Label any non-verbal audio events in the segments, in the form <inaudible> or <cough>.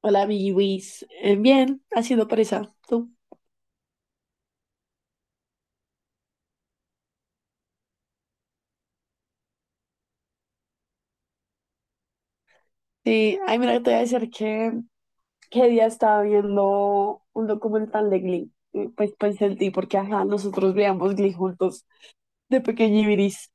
Hola, mi Luis. Bien, haciendo presa. ¿Tú? Sí, ay, mira, te voy a decir que día estaba viendo un documental de Glee. Pues pensé en ti, porque ajá, nosotros veíamos Glee juntos de pequeñibiris.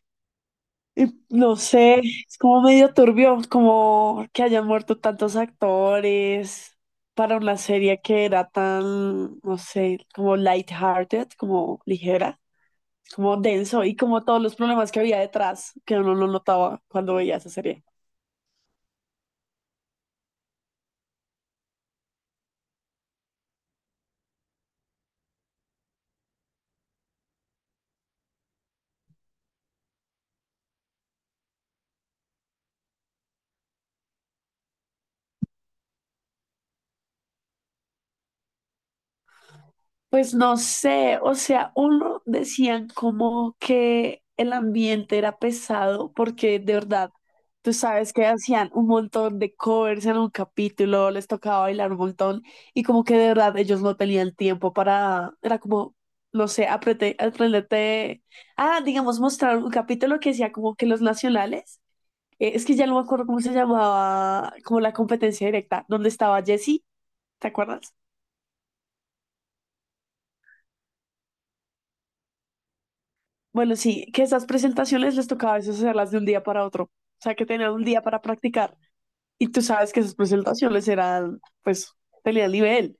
Y no sé, es como medio turbio, como que hayan muerto tantos actores para una serie que era tan, no sé, como lighthearted, como ligera, como denso y como todos los problemas que había detrás, que uno no notaba cuando veía esa serie. Pues no sé, o sea, uno decían como que el ambiente era pesado porque de verdad, tú sabes que hacían un montón de covers en un capítulo, les tocaba bailar un montón y como que de verdad ellos no tenían tiempo para, era como, no sé, aprendete, ah, digamos, mostrar un capítulo que decía como que los nacionales. Es que ya no me acuerdo cómo se llamaba, como la competencia directa, donde estaba Jessie, ¿te acuerdas? Bueno, sí, que esas presentaciones les tocaba a veces hacerlas de un día para otro, o sea, que tenían un día para practicar. Y tú sabes que esas presentaciones eran, pues, tenían nivel.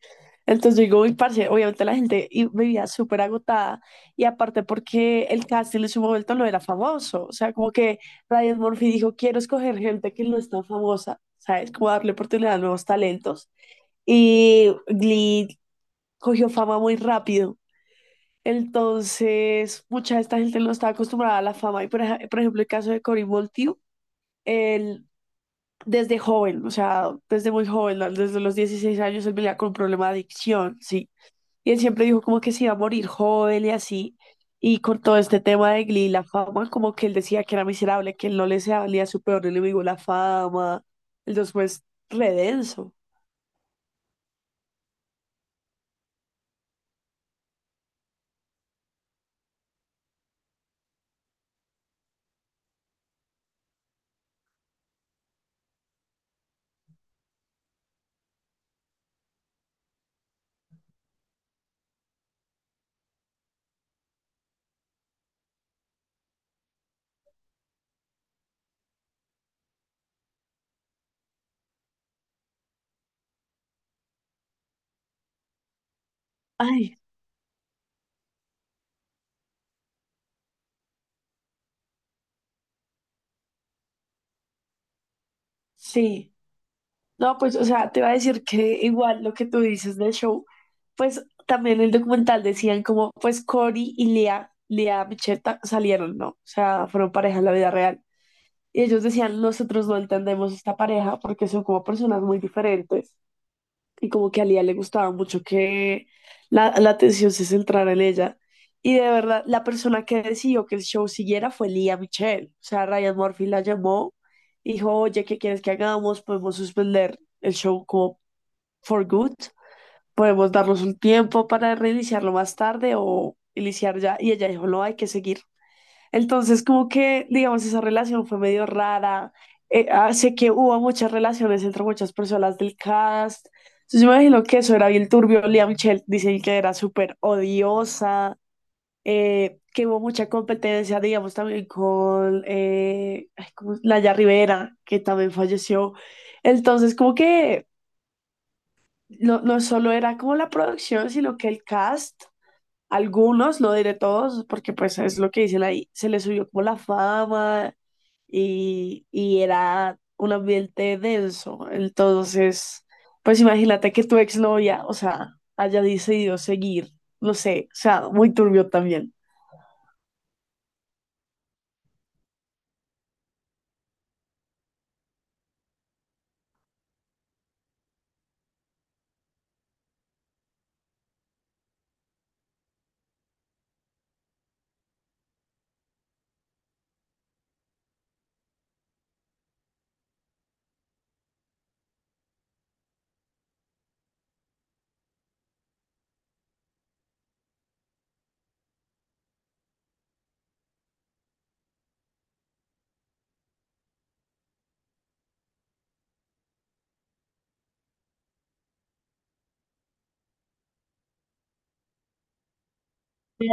Entonces yo digo, mi parce, obviamente la gente vivía súper agotada y aparte porque el casting en su momento no era famoso, o sea, como que Ryan Murphy dijo, quiero escoger gente que no es tan famosa, ¿sabes? Como darle oportunidad a nuevos talentos. Y Glee cogió fama muy rápido. Entonces, mucha de esta gente no estaba acostumbrada a la fama. Y por ejemplo, el caso de Cory Monteith, él desde joven, o sea, desde muy joven, ¿no? Desde los 16 años, él venía con un problema de adicción, sí. Y él siempre dijo como que se iba a morir joven y así. Y con todo este tema de Glee, la fama, como que él decía que era miserable, que él no le se valía a su peor enemigo la fama. Entonces, pues, re denso. Ay, sí. No, pues, o sea, te iba a decir que igual lo que tú dices del show, pues también en el documental decían como, pues Cory y Lea, Lea Micheta salieron, ¿no? O sea, fueron pareja en la vida real. Y ellos decían, nosotros no entendemos esta pareja porque son como personas muy diferentes y como que a Lía le gustaba mucho que la atención se centrara en ella. Y de verdad, la persona que decidió que el show siguiera fue Lía Michelle. O sea, Ryan Murphy la llamó y dijo, oye, ¿qué quieres que hagamos? Podemos suspender el show como for good. Podemos darnos un tiempo para reiniciarlo más tarde o iniciar ya. Y ella dijo, no, hay que seguir. Entonces, como que, digamos, esa relación fue medio rara. Sé que hubo muchas relaciones entre muchas personas del cast. Entonces, yo me imagino que eso era bien turbio. Lea Michelle dicen que era súper odiosa, que hubo mucha competencia, digamos, también con ¿cómo es? Laya Rivera, que también falleció. Entonces, como que no, no solo era como la producción, sino que el cast algunos, no diré todos, porque pues es lo que dice ahí, se le subió como la fama y era un ambiente denso. Entonces, pues imagínate que tu exnovia, o sea, haya decidido seguir, no sé, o sea, muy turbio también.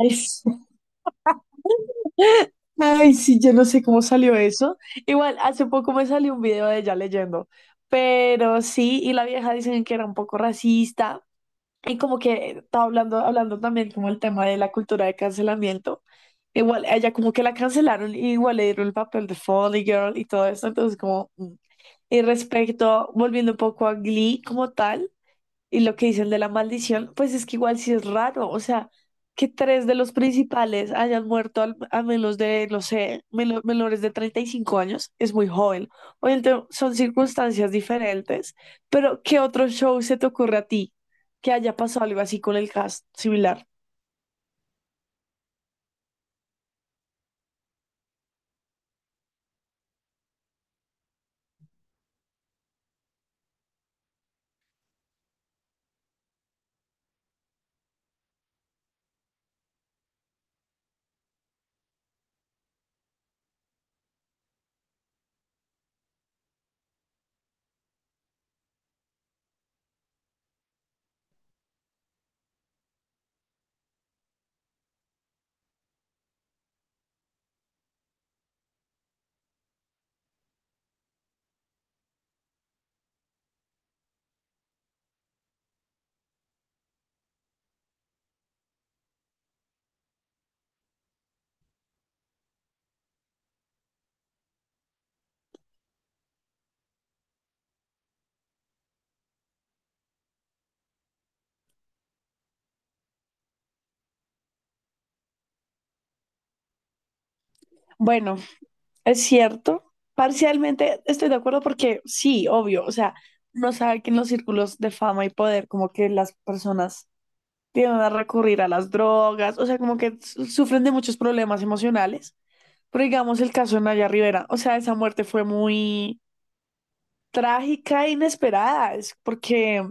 Ay, sí. Ay, sí, yo no sé cómo salió eso. Igual, hace poco me salió un video de ella leyendo, pero sí, y la vieja dicen que era un poco racista. Y como que estaba hablando también como el tema de la cultura de cancelamiento. Igual, a ella como que la cancelaron y igual le dieron el papel de Funny Girl y todo eso. Entonces como mm. Y respecto, volviendo un poco a Glee como tal, y lo que dicen de la maldición, pues es que igual sí es raro, o sea, que tres de los principales hayan muerto a menos de, no sé, menores de 35 años, es muy joven. Obviamente son circunstancias diferentes, pero ¿qué otro show se te ocurre a ti que haya pasado algo así con el cast similar? Bueno, es cierto, parcialmente estoy de acuerdo porque sí, obvio, o sea, no sabe que en los círculos de fama y poder, como que las personas tienden a recurrir a las drogas, o sea, como que sufren de muchos problemas emocionales. Pero digamos el caso de Naya Rivera, o sea, esa muerte fue muy trágica e inesperada, es porque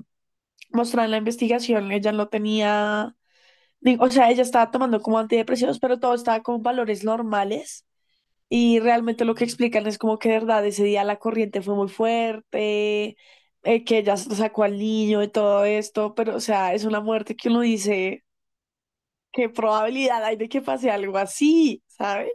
mostraron la investigación, ella no tenía, o sea, ella estaba tomando como antidepresivos, pero todo estaba con valores normales. Y realmente lo que explican es como que de verdad ese día la corriente fue muy fuerte, que ella sacó al niño y todo esto, pero o sea, es una muerte que uno dice, ¿qué probabilidad hay de que pase algo así? ¿Sabes?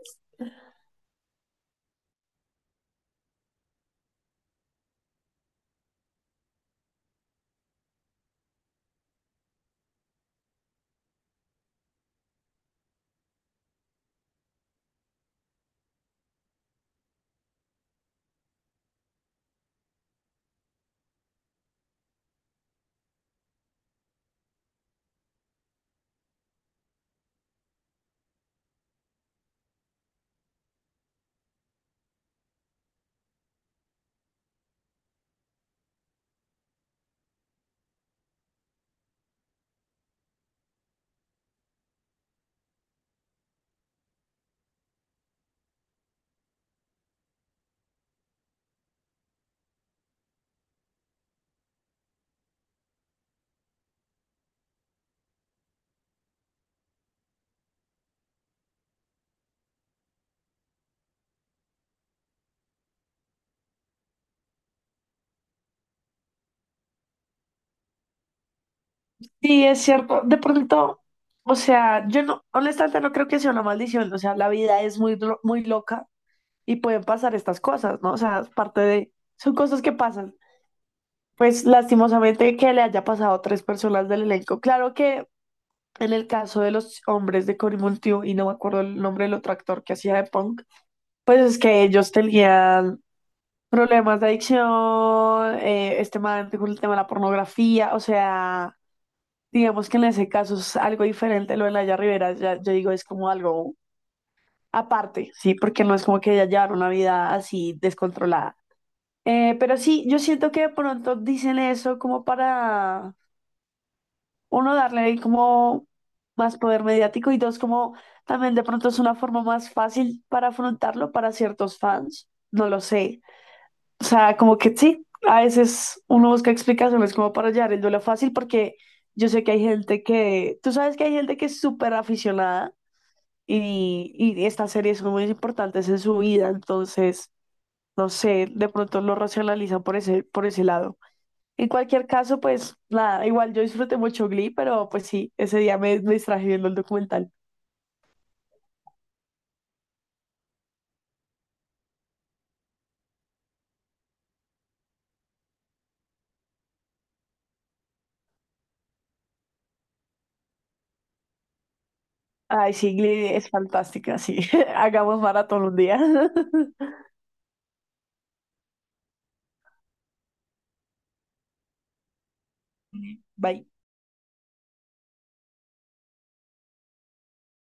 Sí, es cierto. De pronto, o sea, yo no, honestamente no creo que sea una maldición. O sea, la vida es muy, muy loca y pueden pasar estas cosas, ¿no? O sea, es parte de, son cosas que pasan. Pues lastimosamente que le haya pasado a tres personas del elenco. Claro que en el caso de los hombres de Cory Monteith, y no me acuerdo el nombre del otro actor que hacía de Punk, pues es que ellos tenían problemas de adicción, este man con el tema de la pornografía, o sea, digamos que en ese caso es algo diferente lo de laia Rivera, ya, yo digo, es como algo aparte, ¿sí? Porque no es como que ella llevara una vida así descontrolada. Pero sí, yo siento que de pronto dicen eso como para, uno, darle como más poder mediático y dos, como también de pronto es una forma más fácil para afrontarlo para ciertos fans, no lo sé. O sea, como que sí, a veces uno busca explicaciones como para hallar el duelo fácil, porque yo sé que hay gente que, tú sabes que hay gente que es súper aficionada y estas series son muy importantes en su vida, entonces, no sé, de pronto lo racionalizan por ese lado. En cualquier caso, pues nada, igual yo disfruté mucho Glee, pero pues sí, ese día me distraje viendo el documental. Ay, sí, Glee es fantástica, sí. <laughs> Hagamos maratón un día. <laughs> Bye.